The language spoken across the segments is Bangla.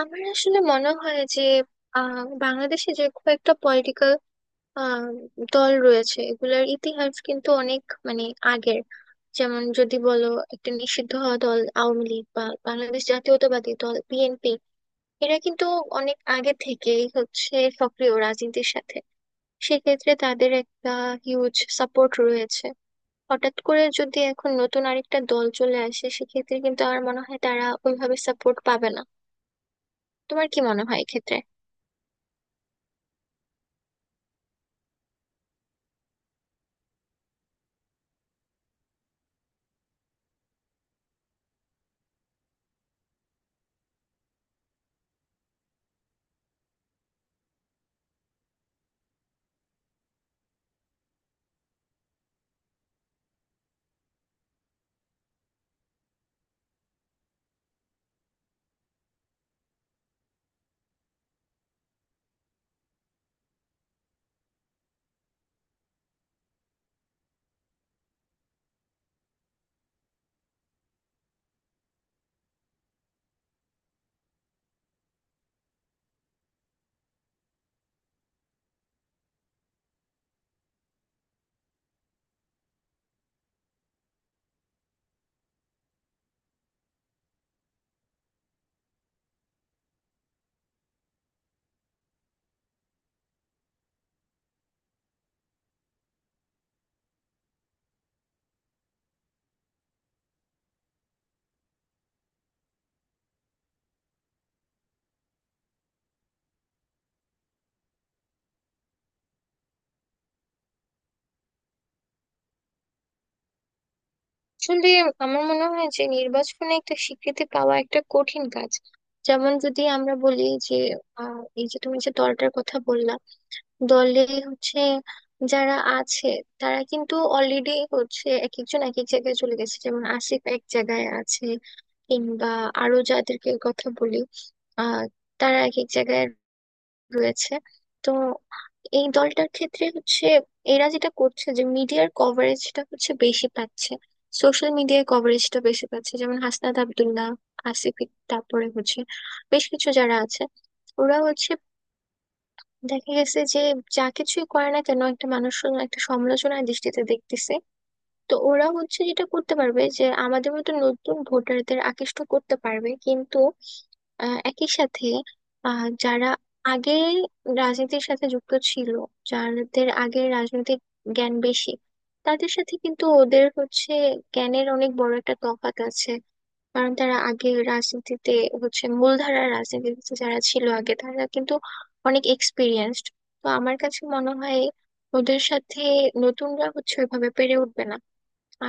আমার আসলে মনে হয় যে আহ, বাংলাদেশে যে কয়েকটা পলিটিক্যাল দল রয়েছে এগুলোর ইতিহাস কিন্তু অনেক মানে আগের, যেমন যদি বলো একটা নিষিদ্ধ হওয়া দল আওয়ামী লীগ বা বাংলাদেশ জাতীয়তাবাদী দল বিএনপি, এরা কিন্তু অনেক আগে থেকেই হচ্ছে সক্রিয় রাজনীতির সাথে। সেক্ষেত্রে তাদের একটা হিউজ সাপোর্ট রয়েছে। হঠাৎ করে যদি এখন নতুন আরেকটা দল চলে আসে সেক্ষেত্রে কিন্তু আমার মনে হয় তারা ওইভাবে সাপোর্ট পাবে না। তোমার কি মনে হয় এক্ষেত্রে? আসলে আমার মনে হয় যে নির্বাচনে একটা স্বীকৃতি পাওয়া একটা কঠিন কাজ। যেমন যদি আমরা বলি যে এই যে তুমি যে দলটার কথা বললা, দলে হচ্ছে যারা আছে তারা কিন্তু অলরেডি হচ্ছে এক একজন এক এক জায়গায় চলে গেছে, যেমন আসিফ এক জায়গায় আছে, কিংবা আরো যাদেরকে কথা বলি আহ তারা এক এক জায়গায় রয়েছে। তো এই দলটার ক্ষেত্রে হচ্ছে এরা যেটা করছে যে মিডিয়ার কভারেজটা হচ্ছে বেশি পাচ্ছে, সোশ্যাল মিডিয়ায় কভারেজটা বেশি পাচ্ছে, যেমন হাসনাত আব্দুল্লাহ, আসিফ তারপরে হচ্ছে বেশ কিছু যারা আছে, ওরা হচ্ছে দেখা গেছে যে যা কিছুই করে না কেন একটা মানুষ শুধু একটা সমালোচনার দৃষ্টিতে দেখতেছে। তো ওরা হচ্ছে যেটা করতে পারবে যে আমাদের মতো নতুন ভোটারদের আকৃষ্ট করতে পারবে, কিন্তু একই সাথে যারা আগে রাজনীতির সাথে যুক্ত ছিল, যাদের আগে রাজনৈতিক জ্ঞান বেশি, তাদের সাথে কিন্তু ওদের হচ্ছে জ্ঞানের অনেক বড় একটা তফাৎ আছে। কারণ তারা আগে রাজনীতিতে হচ্ছে মূলধারার রাজনীতিতে যারা ছিল আগে তারা কিন্তু অনেক এক্সপিরিয়েন্সড। তো আমার কাছে মনে হয় ওদের সাথে নতুনরা হচ্ছে ওইভাবে পেরে উঠবে না।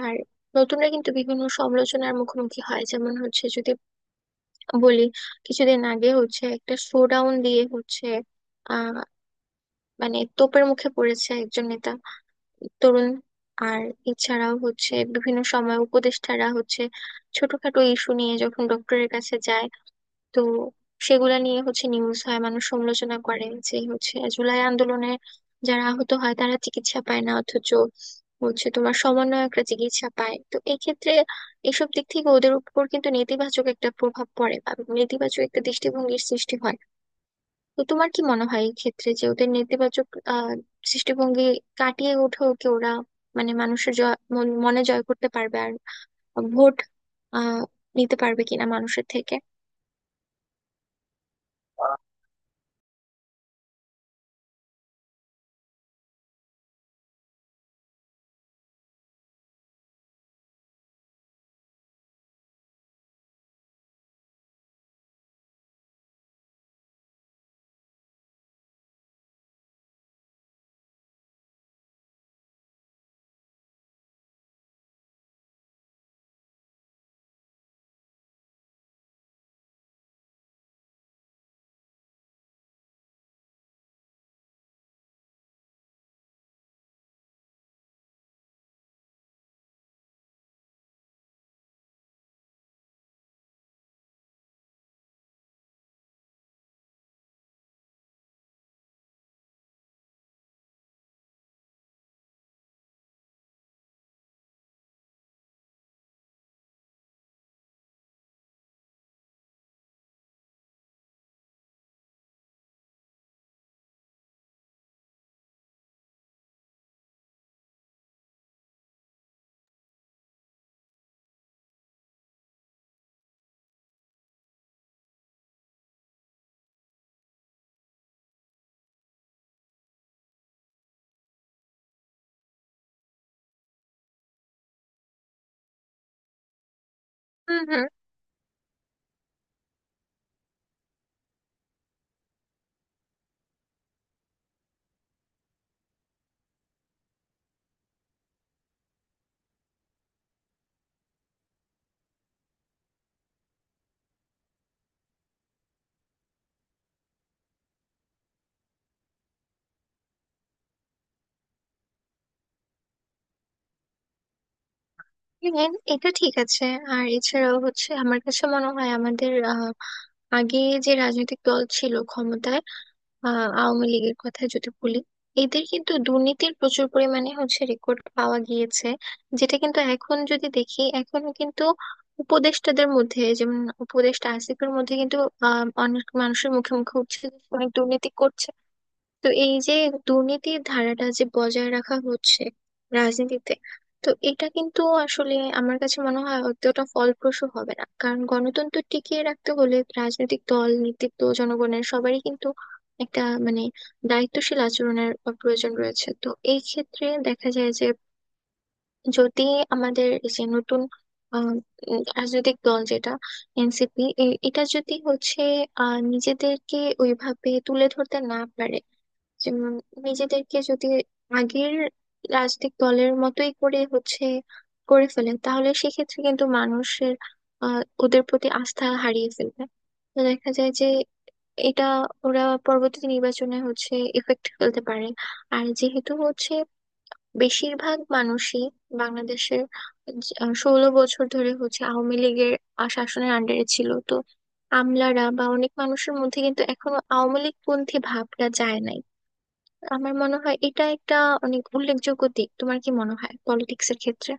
আর নতুনরা কিন্তু বিভিন্ন সমালোচনার মুখোমুখি হয়, যেমন হচ্ছে যদি বলি কিছুদিন আগে হচ্ছে একটা শোডাউন দিয়ে হচ্ছে আহ মানে তোপের মুখে পড়েছে একজন নেতা, তরুণ। আর এছাড়াও হচ্ছে বিভিন্ন সময় উপদেষ্টারা হচ্ছে ছোটখাটো ইস্যু নিয়ে যখন ডক্টরের কাছে যায়, তো সেগুলা নিয়ে হচ্ছে নিউজ হয়, মানুষ সমালোচনা করে যে হচ্ছে জুলাই আন্দোলনে যারা আহত হয় তারা চিকিৎসা পায় না অথচ হচ্ছে তোমার সমন্বয়করা চিকিৎসা পায়। তো এই ক্ষেত্রে এসব দিক থেকে ওদের উপর কিন্তু নেতিবাচক একটা প্রভাব পড়ে বা নেতিবাচক একটা দৃষ্টিভঙ্গির সৃষ্টি হয়। তো তোমার কি মনে হয় এই ক্ষেত্রে যে ওদের নেতিবাচক আহ দৃষ্টিভঙ্গি কাটিয়ে উঠেও কি ওরা মানে মানুষের জয় মনে জয় করতে পারবে আর ভোট আহ নিতে পারবে কিনা মানুষের থেকে? হম। হ্যাঁ, এটা ঠিক আছে। আর এছাড়াও হচ্ছে আমার কাছে মনে হয় আমাদের আগে যে রাজনৈতিক দল ছিল ক্ষমতায়, আওয়ামী লীগের কথা যদি বলি, এদের কিন্তু দুর্নীতির প্রচুর পরিমাণে হচ্ছে রেকর্ড পাওয়া গিয়েছে। যেটা কিন্তু এখন যদি দেখি এখনো কিন্তু উপদেষ্টাদের মধ্যে, যেমন উপদেষ্টা আসিফের মধ্যে কিন্তু অনেক মানুষের মুখে মুখে উঠছে যে অনেক দুর্নীতি করছে। তো এই যে দুর্নীতির ধারাটা যে বজায় রাখা হচ্ছে রাজনীতিতে, তো এটা কিন্তু আসলে আমার কাছে মনে হয় অতটা ফলপ্রসূ হবে না, কারণ গণতন্ত্র টিকিয়ে রাখতে হলে রাজনৈতিক দল, নেতৃত্ব, জনগণের সবারই কিন্তু একটা মানে দায়িত্বশীল আচরণের প্রয়োজন রয়েছে। তো এই ক্ষেত্রে দেখা যায় যে যদি আমাদের এই যে নতুন আহ, রাজনৈতিক দল যেটা এনসিপি, এটা যদি হচ্ছে নিজেদেরকে ওইভাবে তুলে ধরতে না পারে, যেমন নিজেদেরকে যদি আগের রাজনৈতিক দলের মতোই করে হচ্ছে করে ফেলে তাহলে সেক্ষেত্রে কিন্তু মানুষের ওদের প্রতি আস্থা হারিয়ে ফেলবে। তো দেখা যায় যে এটা ওরা পরবর্তী নির্বাচনে হচ্ছে এফেক্ট ফেলতে পারে। আর যেহেতু হচ্ছে বেশিরভাগ মানুষই বাংলাদেশের 16 বছর ধরে হচ্ছে আওয়ামী লীগের শাসনের আন্ডারে ছিল, তো আমলারা বা অনেক মানুষের মধ্যে কিন্তু এখনো আওয়ামী লীগ পন্থী ভাবটা যায় নাই। আমার মনে হয় এটা একটা অনেক উল্লেখযোগ্য দিক। তোমার কি মনে হয় পলিটিক্স এর ক্ষেত্রে?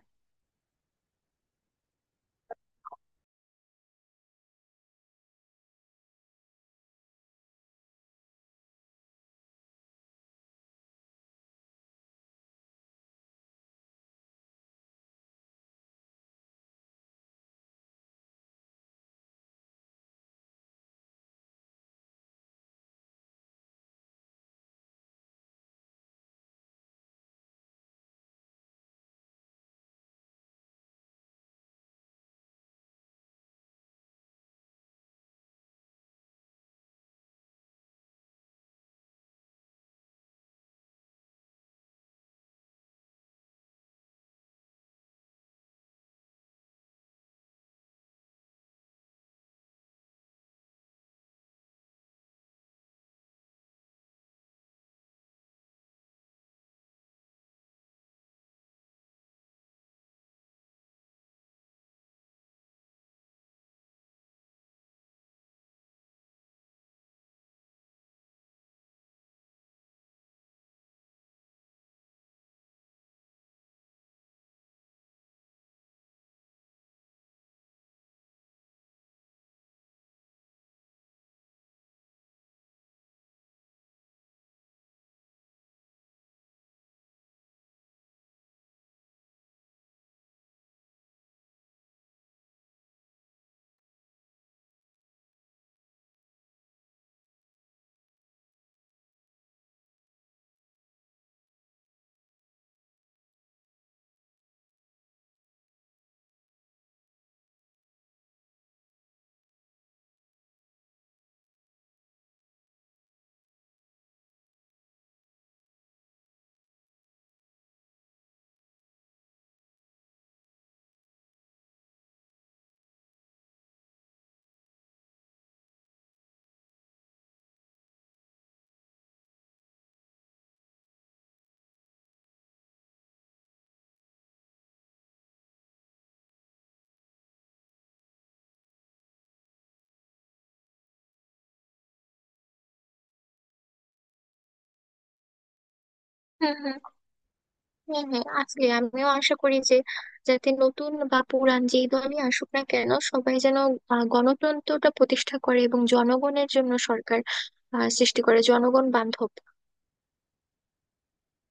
হুম হুম। হ্যাঁ হ্যাঁ, আসলে আমিও আশা করি যে, যাতে নতুন বা পুরান যেই দলই আসুক না কেন সবাই যেন গণতন্ত্রটা প্রতিষ্ঠা করে এবং জনগণের জন্য সরকার সৃষ্টি করে, জনগণ বান্ধব।